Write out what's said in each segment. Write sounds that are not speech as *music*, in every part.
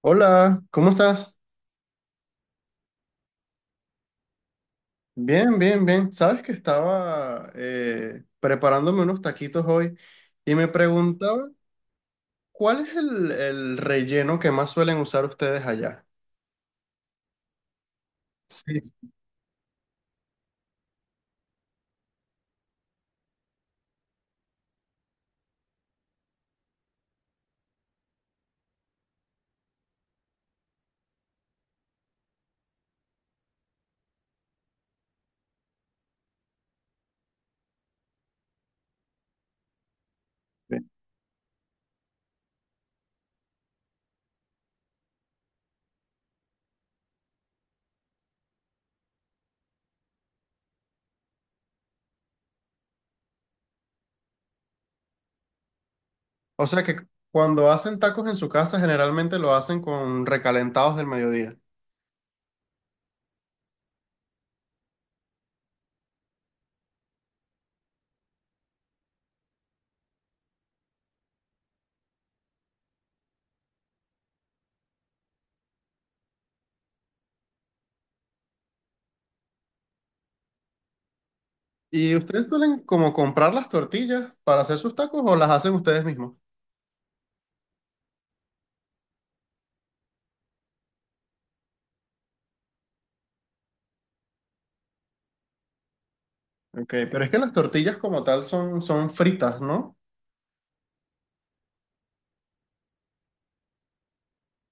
Hola, ¿cómo estás? Bien, bien, bien. Sabes que estaba preparándome unos taquitos hoy y me preguntaba cuál es el relleno que más suelen usar ustedes allá. Sí. Sí. O sea que cuando hacen tacos en su casa generalmente lo hacen con recalentados del mediodía. ¿Y ustedes suelen como comprar las tortillas para hacer sus tacos o las hacen ustedes mismos? Ok, pero es que las tortillas como tal son, fritas, ¿no?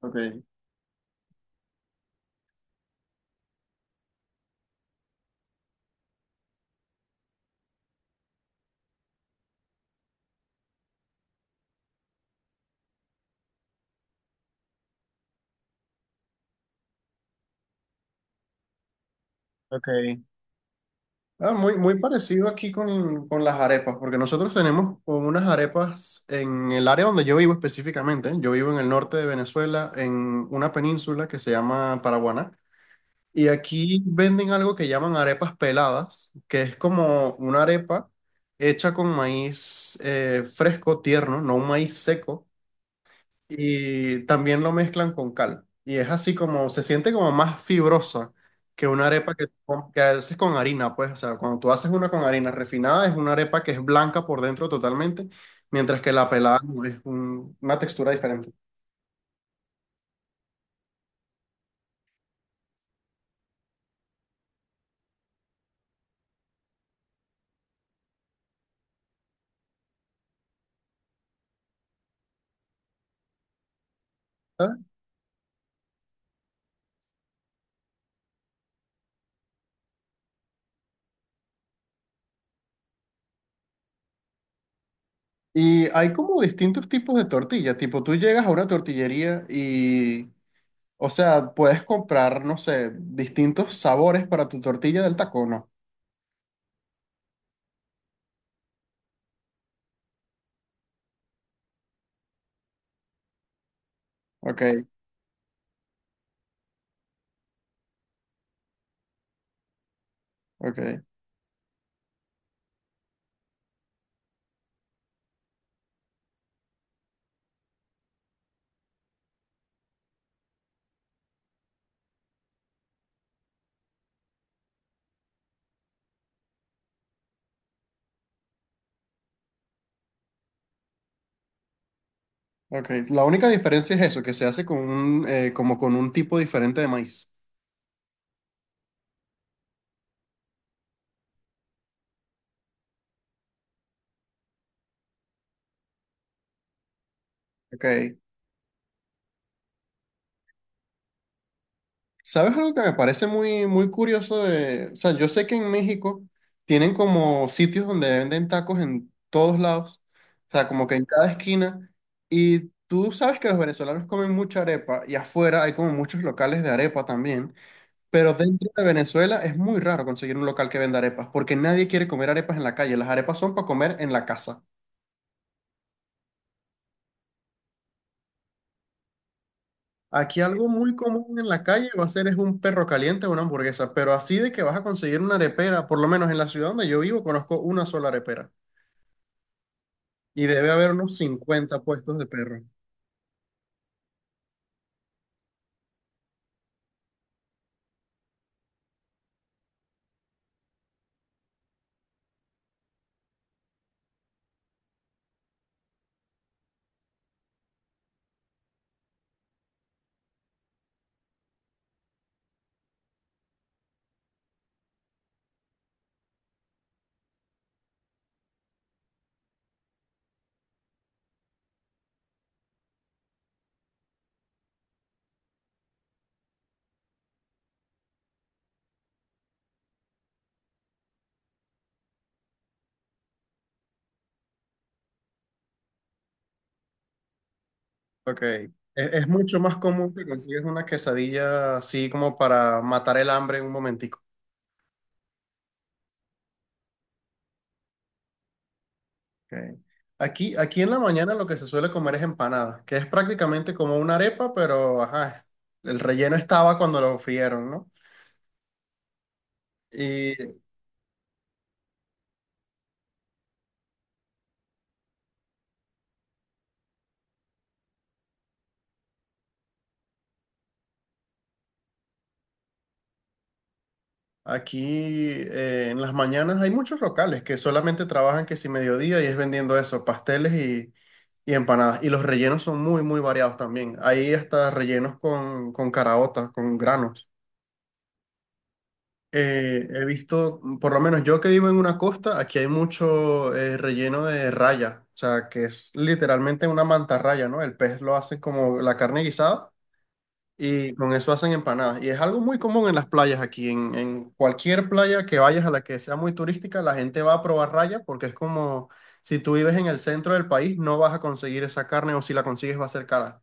Ok, ok. Ah, muy, muy parecido aquí con las arepas, porque nosotros tenemos como unas arepas en el área donde yo vivo específicamente. Yo vivo en el norte de Venezuela, en una península que se llama Paraguaná, y aquí venden algo que llaman arepas peladas, que es como una arepa hecha con maíz fresco, tierno, no un maíz seco y también lo mezclan con cal. Y es así como, se siente como más fibrosa que una arepa que haces con harina, pues, o sea, cuando tú haces una con harina refinada es una arepa que es blanca por dentro totalmente, mientras que la pelada no, es una textura diferente. ¿Sabes? Y hay como distintos tipos de tortilla, tipo tú llegas a una tortillería y, o sea, puedes comprar, no sé, distintos sabores para tu tortilla del taco, ¿no? Ok, ok. Ok, la única diferencia es eso, que se hace con como con un tipo diferente de maíz. Ok, ¿sabes algo que me parece muy, muy curioso de, o sea, yo sé que en México tienen como sitios donde venden tacos en todos lados, o sea, como que en cada esquina, y tú sabes que los venezolanos comen mucha arepa, y afuera hay como muchos locales de arepa también, pero dentro de Venezuela es muy raro conseguir un local que venda arepas, porque nadie quiere comer arepas en la calle, las arepas son para comer en la casa. Aquí algo muy común en la calle va a ser es un perro caliente o una hamburguesa, pero así de que vas a conseguir una arepera, por lo menos en la ciudad donde yo vivo conozco una sola arepera y debe haber unos 50 puestos de perro. Ok. Es mucho más común que consigues una quesadilla así como para matar el hambre en un momentico. Ok. Aquí en la mañana lo que se suele comer es empanada, que es prácticamente como una arepa, pero ajá, el relleno estaba cuando lo frieron, ¿no? Y aquí en las mañanas hay muchos locales que solamente trabajan que si mediodía y es vendiendo eso, pasteles y empanadas. Y los rellenos son muy, muy variados también. Hay hasta rellenos con, caraotas, con granos. He visto, por lo menos yo que vivo en una costa, aquí hay mucho relleno de raya, o sea, que es literalmente una mantarraya, ¿no? El pez lo hacen como la carne guisada y con eso hacen empanadas. Y es algo muy común en las playas aquí. En cualquier playa que vayas a la que sea muy turística, la gente va a probar raya porque es como si tú vives en el centro del país, no vas a conseguir esa carne o si la consigues va a ser cara.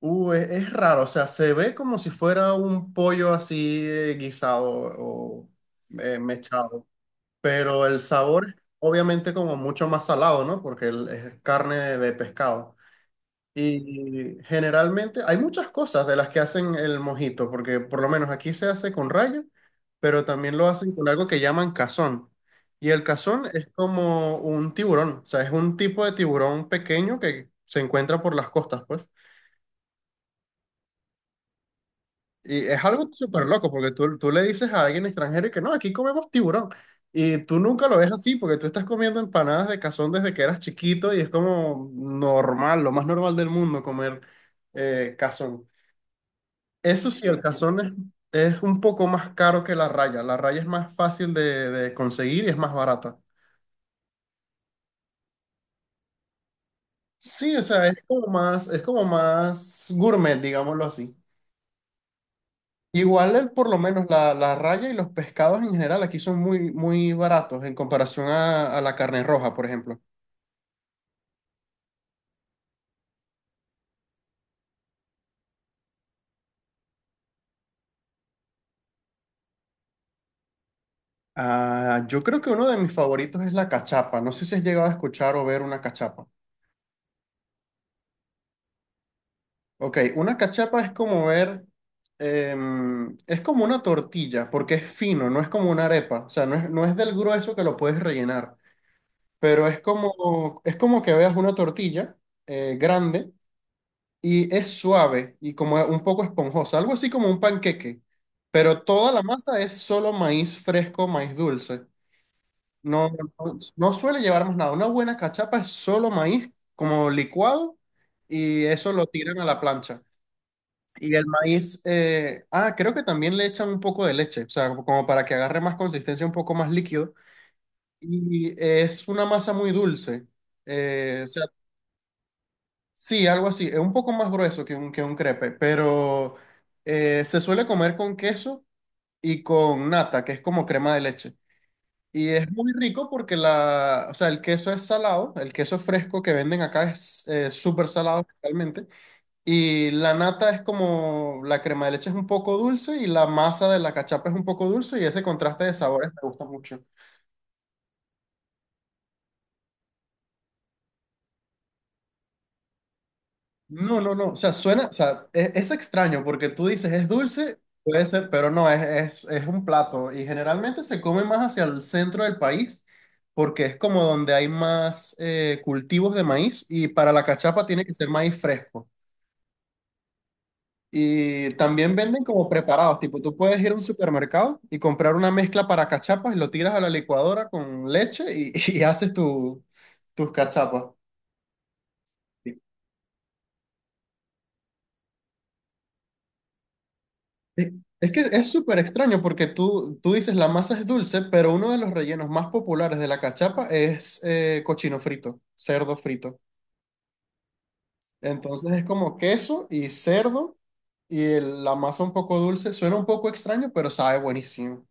Es raro, o sea, se ve como si fuera un pollo así guisado o mechado, pero el sabor es obviamente como mucho más salado, ¿no? Porque es carne de pescado. Y generalmente hay muchas cosas de las que hacen el mojito, porque por lo menos aquí se hace con raya, pero también lo hacen con algo que llaman cazón. Y el cazón es como un tiburón, o sea, es un tipo de tiburón pequeño que se encuentra por las costas, pues. Y es algo súper loco, porque tú, le dices a alguien extranjero y que no, aquí comemos tiburón. Y tú nunca lo ves así, porque tú estás comiendo empanadas de cazón desde que eras chiquito y es como normal, lo más normal del mundo comer cazón. Eso sí, el calzón es un poco más caro que la raya. La raya es más fácil de, conseguir y es más barata. Sí, o sea, es como más gourmet, digámoslo así. Igual, por lo menos la, raya y los pescados en general aquí son muy, muy baratos en comparación a la carne roja, por ejemplo. Ah, yo creo que uno de mis favoritos es la cachapa. No sé si has llegado a escuchar o ver una cachapa. Ok, una cachapa es como es como una tortilla, porque es fino, no es como una arepa, o sea, no es del grueso que lo puedes rellenar, pero es como que veas una tortilla grande y es suave y como un poco esponjosa, algo así como un panqueque, pero toda la masa es solo maíz fresco, maíz dulce, no, no, no suele llevar más nada, una buena cachapa es solo maíz como licuado y eso lo tiran a la plancha. Y el maíz, creo que también le echan un poco de leche, o sea, como para que agarre más consistencia, un poco más líquido. Y es una masa muy dulce. O sea, sí, algo así. Es un poco más grueso que un crepe, pero se suele comer con queso y con nata, que es como crema de leche. Y es muy rico porque o sea, el queso es salado, el queso fresco que venden acá es súper salado realmente. Y la nata es como, la crema de leche es un poco dulce y la masa de la cachapa es un poco dulce y ese contraste de sabores me gusta mucho. No, no, no, o sea, suena, o sea, es extraño porque tú dices es dulce, puede ser, pero no, es un plato y generalmente se come más hacia el centro del país porque es como donde hay más cultivos de maíz y para la cachapa tiene que ser maíz fresco. Y también venden como preparados, tipo, tú puedes ir a un supermercado y comprar una mezcla para cachapas y lo tiras a la licuadora con leche y, *laughs* y haces tus cachapas. Sí. Es es que es súper extraño porque tú dices la masa es dulce, pero uno de los rellenos más populares de la cachapa es cochino frito, cerdo frito. Entonces es como queso y cerdo y la masa un poco dulce. Suena un poco extraño, pero sabe buenísimo.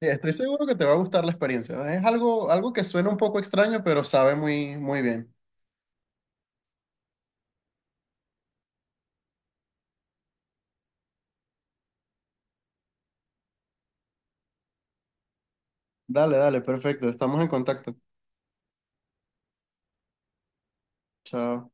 Sí, estoy seguro que te va a gustar la experiencia. Es algo que suena un poco extraño, pero sabe muy, muy bien. Dale, dale, perfecto. Estamos en contacto. Chao.